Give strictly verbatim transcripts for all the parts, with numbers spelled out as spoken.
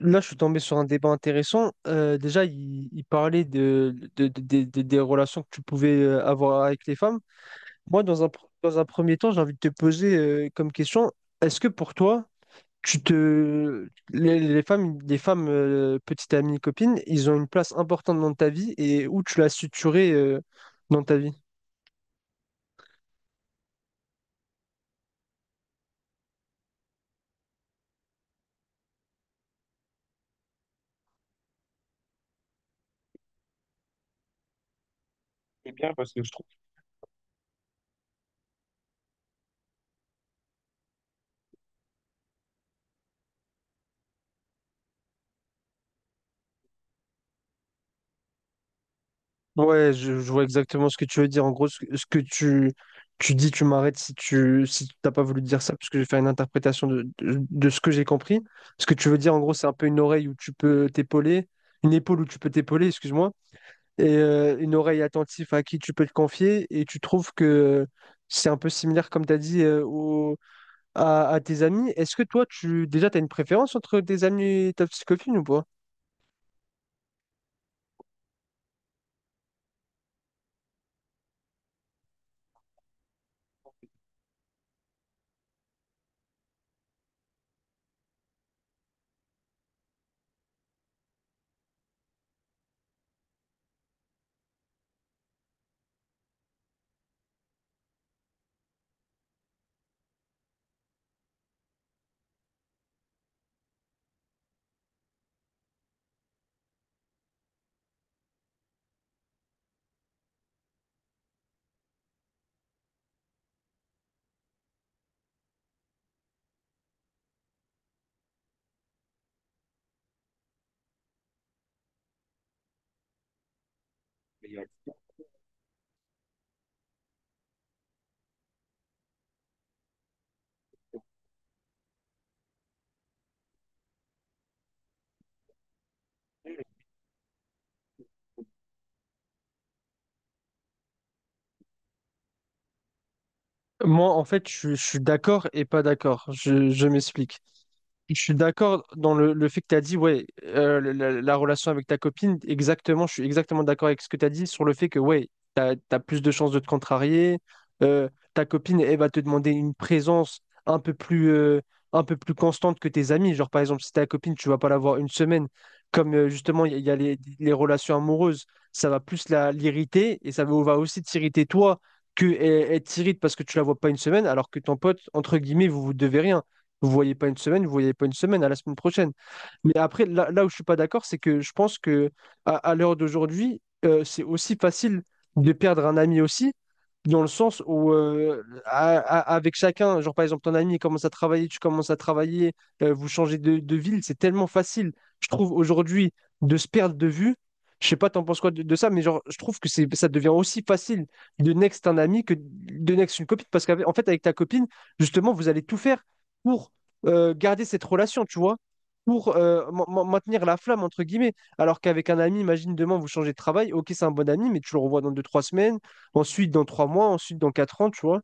Là, je suis tombé sur un débat intéressant. Euh, déjà, il, il parlait de, de- de- de- de- des relations que tu pouvais euh, avoir avec les femmes. Moi, dans un, pr- dans un premier temps, j'ai envie de te poser euh, comme question, est-ce que pour toi, tu te... les, les femmes, les femmes euh, petites amies, copines, ils ont une place importante dans ta vie et où tu l'as suturée euh, dans ta vie? Ouais, je, je vois exactement ce que tu veux dire. En gros, ce, que ce que tu, tu dis, tu m'arrêtes si tu si t'as pas voulu dire ça, parce que j'ai fait une interprétation de, de, de ce que j'ai compris. Ce que tu veux dire, en gros, c'est un peu une oreille où tu peux t'épauler, une épaule où tu peux t'épauler, excuse-moi, et euh, une oreille attentive à qui tu peux te confier. Et tu trouves que c'est un peu similaire, comme tu as dit, euh, au- à, à tes amis. Est-ce que toi, tu déjà, tu as une préférence entre tes amis et ta petite copine ou pas? Moi, en fait, je, je suis d'accord et pas d'accord. Je, je m'explique. Je suis d'accord dans le, le fait que tu as dit, ouais, euh, le- la, la relation avec ta copine, exactement, je suis exactement d'accord avec ce que tu as dit sur le fait que, ouais, tu as, plus de chances de te contrarier. euh, Ta copine, elle va te demander une présence un peu plus, euh, un peu plus constante que tes amis. Genre, par exemple, si ta copine, tu vas pas la voir une semaine, comme euh, justement, il y, a il y a les, les relations amoureuses, ça va plus la, l'irriter et ça va va aussi t'irriter toi que elle, elle t'irrite parce que tu la vois pas une semaine, alors que ton pote, entre guillemets, vous vous devez rien. Vous voyez pas une semaine, vous voyez pas une semaine, à la semaine prochaine. Mais après, là, là où je suis pas d'accord, c'est que je pense que à, à l'heure d'aujourd'hui, euh, c'est aussi facile de perdre un ami aussi, dans le sens où euh, à- à- avec chacun, genre par exemple ton ami commence à travailler, tu commences à travailler, euh, vous changez de, de ville, c'est tellement facile, je trouve aujourd'hui, de se perdre de vue. Je sais pas, t'en penses quoi de, de ça, mais genre, je trouve que c'est, ça devient aussi facile de next un ami que de next une copine, parce qu'en fait, avec ta copine, justement, vous allez tout faire pour euh, garder cette relation, tu vois pour euh, ma- ma- maintenir la flamme, entre guillemets. Alors qu'avec un ami, imagine demain, vous changez de travail, ok, c'est un bon ami, mais tu le revois dans deux, trois semaines, ensuite dans trois mois, ensuite dans quatre ans, tu vois.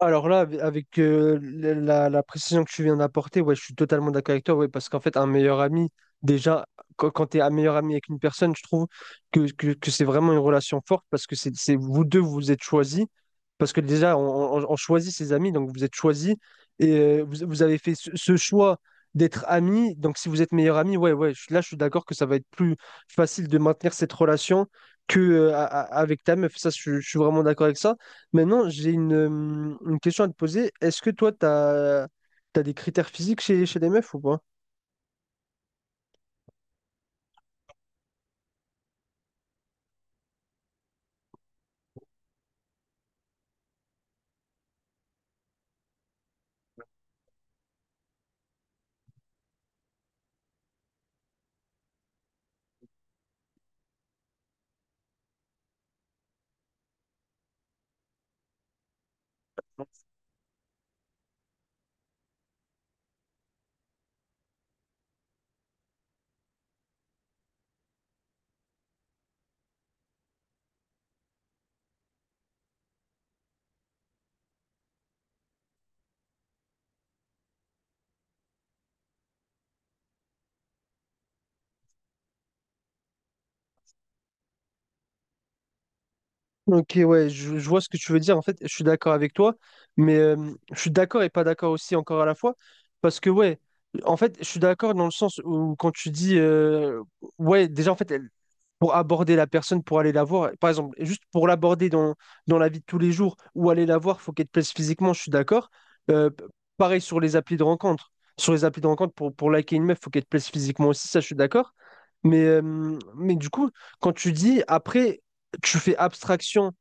Alors là, ave- avec euh, la, la- la précision que tu viens d'apporter, ouais, je suis totalement d'accord avec toi, ouais, parce qu'en fait, un meilleur ami, déjà, quand, quand tu es un meilleur ami avec une personne, je trouve que, que, que c'est vraiment une relation forte, parce que c'est, c'est- vous deux, vous vous êtes choisis, parce que déjà, on, on- on choisit ses amis, donc vous êtes choisis, et euh, vous, vous avez fait ce, ce choix d'être amis, donc si vous êtes meilleur ami, ouais, ouais, je- là, je suis d'accord que ça va être plus facile de maintenir cette relation que euh, a- a- avec ta meuf, ça, je je suis vraiment d'accord avec ça. Maintenant, j'ai une, euh, une question à te poser. Est-ce que toi, tu as, des critères physiques chez, chez les meufs ou pas? Ok, ouais, je, je vois ce que tu veux dire. En fait, je suis d'accord avec toi, mais euh, je suis d'accord et pas d'accord aussi encore à la fois. Parce que, ouais, en fait, je suis d'accord dans le sens où quand tu dis, euh, ouais, déjà, en fait, elle- pour aborder la personne, pour aller la voir, par exemple, juste pour l'aborder dans, dans la vie de tous les jours ou aller la voir, faut qu'elle te plaise physiquement, je suis d'accord. Euh, p- Pareil sur les applis de rencontre. Sur les applis de rencontre, pour, pour liker une meuf, faut qu'elle te plaise physiquement aussi, ça, je suis d'accord. Mais, euh, mais du coup, quand tu dis, après, tu fais abstraction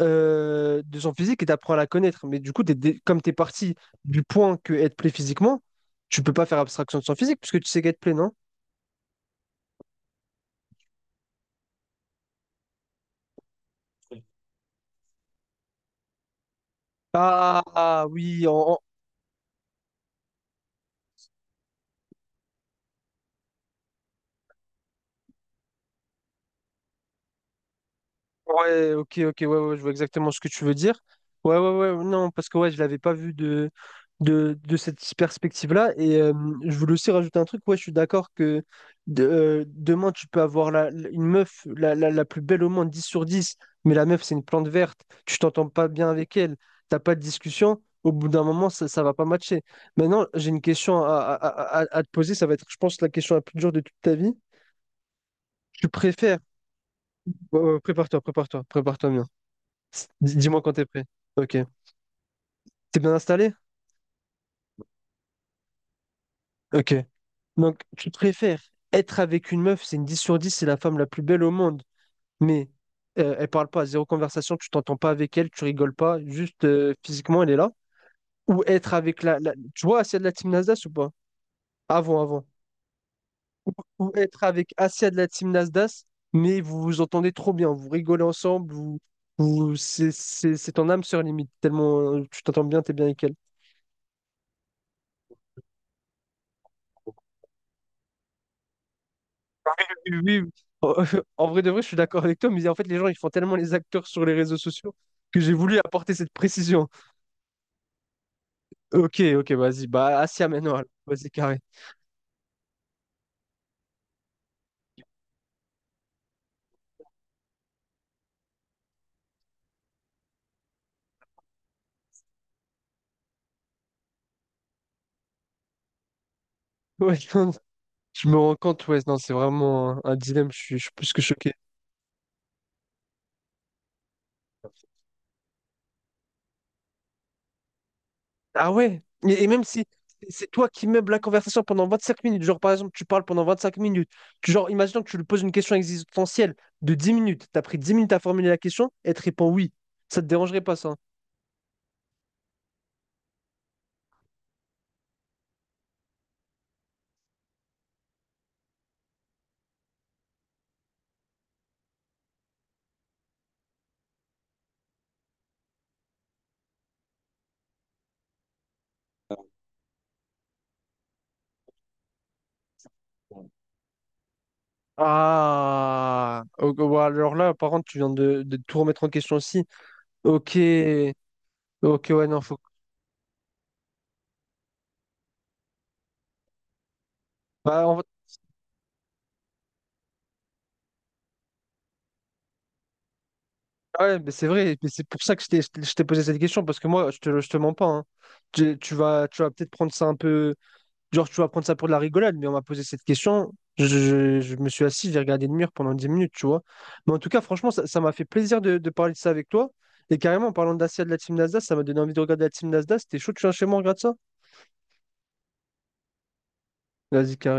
euh, de son physique et t'apprends à la connaître. Mais du coup, t'es dé- comme tu es parti du point que être plaît physiquement, tu peux pas faire abstraction de son physique puisque tu sais qu'être plaît, non? Oui. Ah, ah, oui, en, en- Ouais, ok, ok, ouais, ouais, je vois exactement ce que tu veux dire. Ouais, ouais, ouais, non, parce que ouais, je l'avais pas vu de, de, de cette perspective-là. Et euh, je voulais aussi rajouter un truc, ouais, je suis d'accord que de- euh, demain, tu peux avoir la, la- une meuf la, la, la plus belle au monde, dix sur dix. Mais la meuf, c'est une plante verte, tu t'entends pas bien avec elle, t'as pas de discussion, au bout d'un moment, ça, ça va pas matcher. Maintenant, j'ai une question à, à, à, à- à te poser, ça va être, je pense, la question la plus dure de toute ta vie. Tu préfères, ouais, ouais, prépare-toi, prépare-toi, prépare-toi bien. S- dis- Dis-moi quand t'es prêt. Ok. T'es bien installé? Ok. Donc, tu préfères être avec une meuf, c'est une dix sur dix, c'est la femme la plus belle au monde, mais euh, elle parle pas, zéro conversation, tu t'entends pas avec elle, tu rigoles pas, juste euh, physiquement, elle est là. Ou être avec la, la- Tu vois Asia de la team Nasdaq ou pas? Avant, avant. Ou être avec Asia de la team Nasdaq, mais vous vous entendez trop bien, vous rigolez ensemble, vous... vous... C'est c'est- c'est ton âme sœur limite, tellement euh, tu t'entends bien, t'es bien avec elle. Oui, oui. en en vrai de vrai, je suis d'accord avec toi, mais en fait, les gens, ils font tellement les acteurs sur les réseaux sociaux que j'ai voulu apporter cette précision. Ok, ok, vas-y, bah, assis à maintenant, alors. Vas-y, carré. Ouais, non, je me rends compte, ouais, non, c'est vraiment un, un dilemme, je suis, je suis plus que choqué. Ah ouais, et, et même si c'est toi qui meubles la conversation pendant 25 minutes, genre par exemple, tu parles pendant 25 minutes, tu, genre, imaginons que tu lui poses une question existentielle de dix minutes, t'as pris dix minutes à formuler la question, et elle te répond oui, ça te dérangerait pas ça? Hein. Ah, ok, bon, alors là, par contre, tu viens de, de tout remettre en question aussi. Ok, ok, ouais, non, faut. Bah, en fait- ah ouais, mais c'est vrai, mais c'est pour ça que je t'ai je t'ai- je t'ai posé cette question, parce que moi, je te, je te mens pas. Hein. Tu, tu vas, tu vas peut-être prendre ça un peu. Genre, tu vas prendre ça pour de la rigolade, mais on m'a posé cette question. Je, je- je me suis assis, j'ai regardé le mur pendant dix minutes, tu vois. Mais en tout cas, franchement, ça ça m'a fait plaisir de, de parler de ça avec toi. Et carrément, en parlant de Dacia de la team Nasdaq, ça m'a donné envie de regarder la team Nasdaq. C'était chaud, tu viens chez moi, on regarde ça? Vas-y, carré.